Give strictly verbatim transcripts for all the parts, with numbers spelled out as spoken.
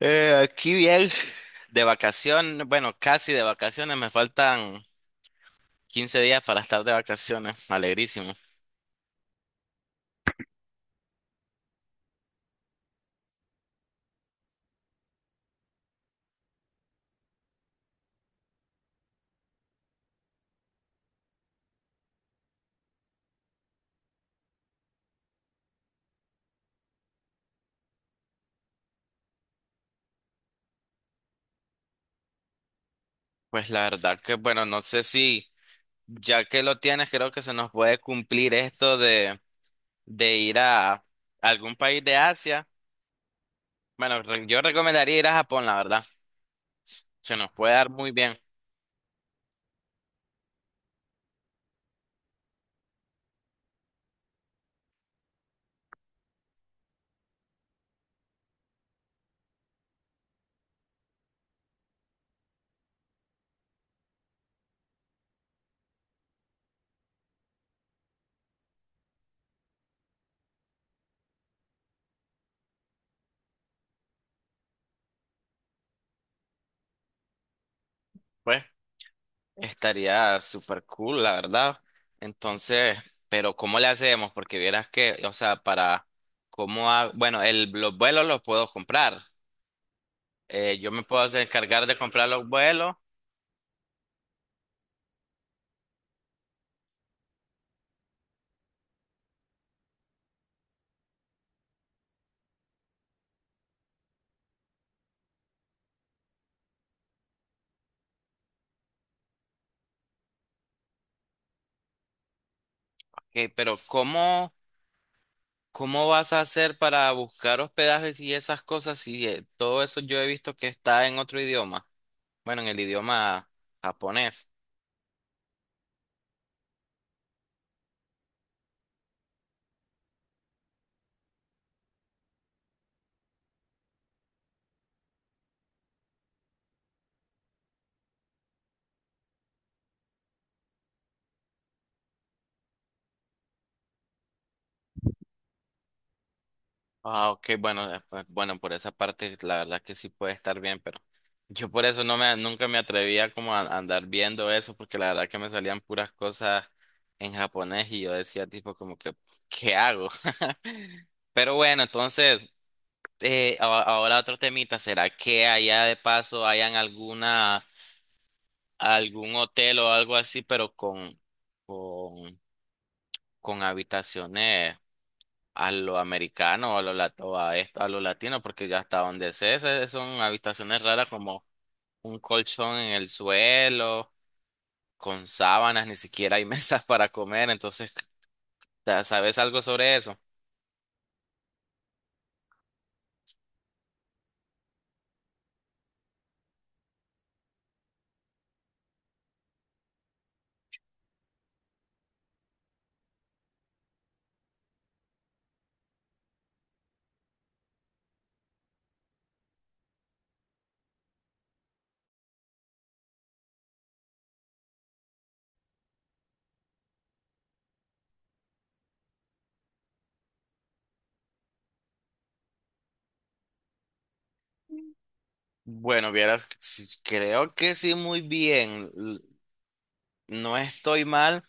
Eh, aquí bien, de vacaciones, bueno, casi de vacaciones, me faltan quince días para estar de vacaciones. Sí. Pues la verdad que, bueno, no sé si ya que lo tienes, creo que se nos puede cumplir esto de, de ir a algún país de Asia. Bueno, re- yo recomendaría ir a Japón, la verdad. Se nos puede dar muy bien. Pues estaría súper cool, la verdad. Entonces, pero ¿cómo le hacemos? Porque vieras que, o sea, para cómo ha- bueno, el, los vuelos los puedo comprar. Eh, yo me puedo encargar de comprar los vuelos. Eh, pero ¿cómo, cómo vas a hacer para buscar hospedajes y esas cosas? Si eh, todo eso yo he visto que está en otro idioma. Bueno, en el idioma japonés. Ah, ok, bueno, eh, pues, bueno, por esa parte la verdad que sí puede estar bien, pero yo por eso no me, nunca me atrevía como a, a andar viendo eso, porque la verdad que me salían puras cosas en japonés y yo decía tipo como que, ¿qué hago? Pero bueno, entonces, eh, a- ahora otro temita. ¿Será que allá de paso hayan alguna, algún hotel o algo así, pero con, con, con habitaciones a lo americano, a lo, lat- o a esto, a lo latino? Porque ya hasta donde sé, se- son habitaciones raras como un colchón en el suelo, con sábanas, ni siquiera hay mesas para comer. Entonces, ya, ¿sabes algo sobre eso? Bueno, vieras, sí, creo que sí, muy bien, l- no estoy mal.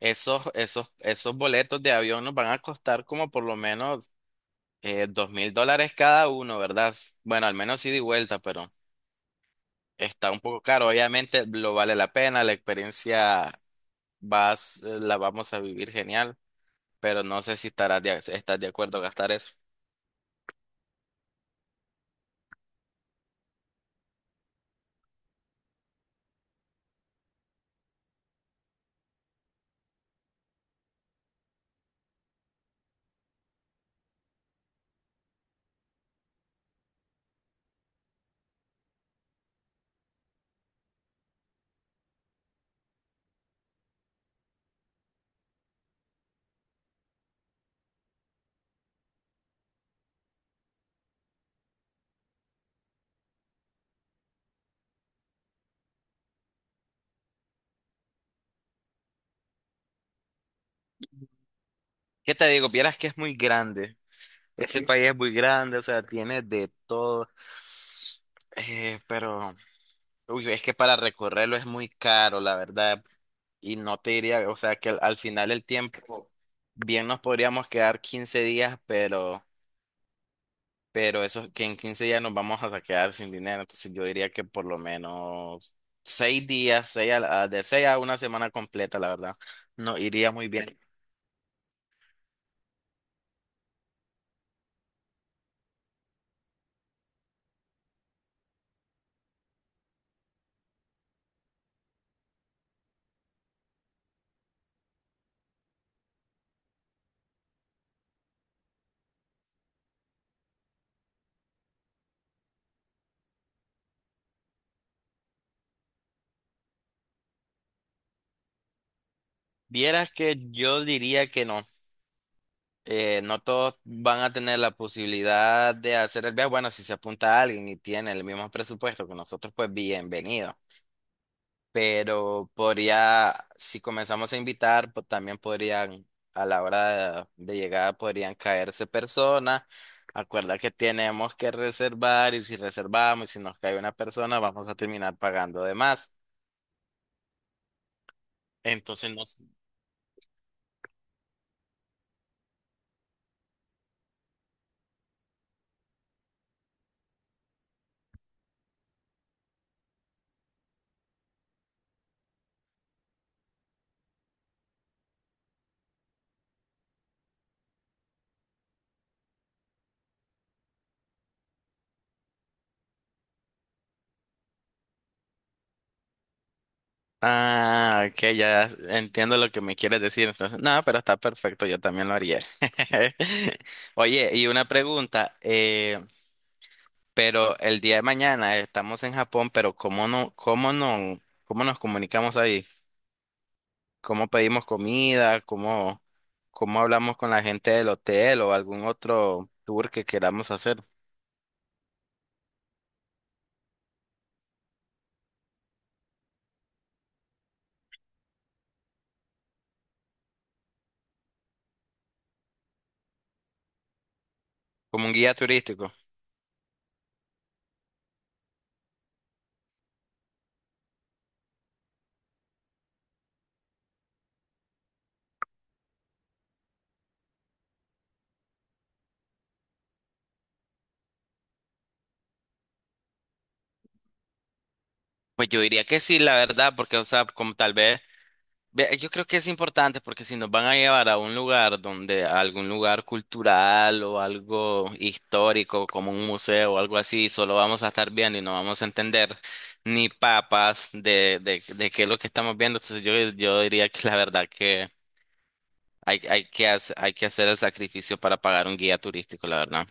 Esos, esos, esos boletos de avión nos van a costar como por lo menos dos mil dólares cada uno, ¿verdad? Bueno, al menos ida y vuelta, pero está un poco caro. Obviamente lo vale la pena, la experiencia vas, eh, la vamos a vivir genial. Pero no sé si estarás de, estás de acuerdo a gastar eso. ¿Qué te digo? Vieras que es muy grande, ese, sí, país es muy grande, o sea, tiene de todo. Eh, pero uy, es que para recorrerlo es muy caro, la verdad. Y no te diría, o sea, que al, al final el tiempo, bien nos podríamos quedar quince días, pero... pero eso es que en quince días nos vamos a quedar sin dinero. Entonces yo diría que por lo menos seis días, seis a la- de seis a una semana completa, la verdad, no iría muy bien. Vieras que yo diría que no. Eh, no todos van a tener la posibilidad de hacer el viaje. Bueno, si se apunta a alguien y tiene el mismo presupuesto que nosotros, pues bienvenido. Pero podría, si comenzamos a invitar, pues también podrían, a la hora de, de llegada, podrían caerse personas. Acuerda que tenemos que reservar, y si reservamos y si nos cae una persona, vamos a terminar pagando de más. Entonces nos... Ah, ok, ya entiendo lo que me quieres decir. Entonces, no, pero está perfecto, yo también lo haría. Oye, y una pregunta. eh, Pero el día de mañana estamos en Japón, pero ¿cómo no, cómo no, cómo nos comunicamos ahí? ¿Cómo pedimos comida? ¿Cómo, cómo hablamos con la gente del hotel o algún otro tour que queramos hacer? Como un guía turístico. Pues yo diría que sí, la verdad, porque, o sea, como tal vez. Ve, yo creo que es importante, porque si nos van a llevar a un lugar donde, a algún lugar cultural o algo histórico como un museo o algo así, solo vamos a estar viendo y no vamos a entender ni papas de, de, de qué es lo que estamos viendo. Entonces yo, yo diría que la verdad que hay, hay que hacer, hay que hacer el sacrificio para pagar un guía turístico, la verdad.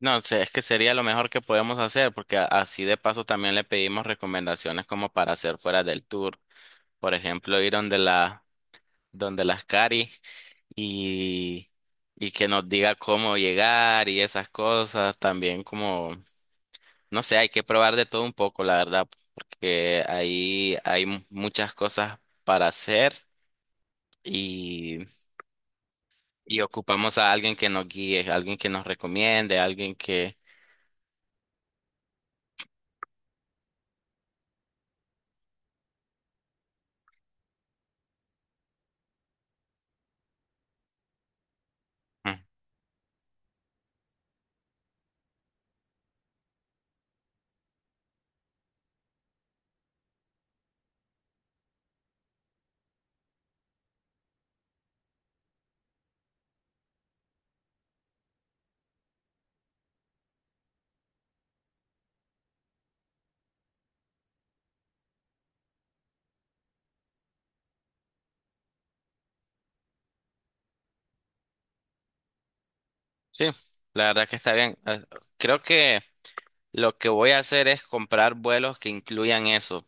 No sé, es que sería lo mejor que podemos hacer, porque a- así de paso también le pedimos recomendaciones como para hacer fuera del tour. Por ejemplo, ir donde la, donde las cari. y, y que nos diga cómo llegar y esas cosas. También como, no sé, hay que probar de todo un poco, la verdad, porque ahí hay mu- muchas cosas para hacer y, y ocupamos a alguien que nos guíe, alguien que nos recomiende, alguien que... Mm. Sí, la verdad que está bien. Eh, Creo que lo que voy a hacer es comprar vuelos que incluyan eso.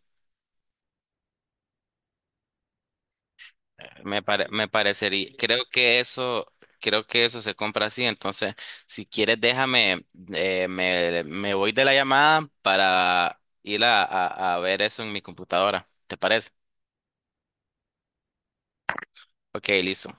Me pare- me parecería, creo que eso, creo que eso se compra así. Entonces, si quieres, déjame, eh, me, me voy de la llamada para ir a, a, a ver eso en mi computadora. ¿Te parece? Ok, listo.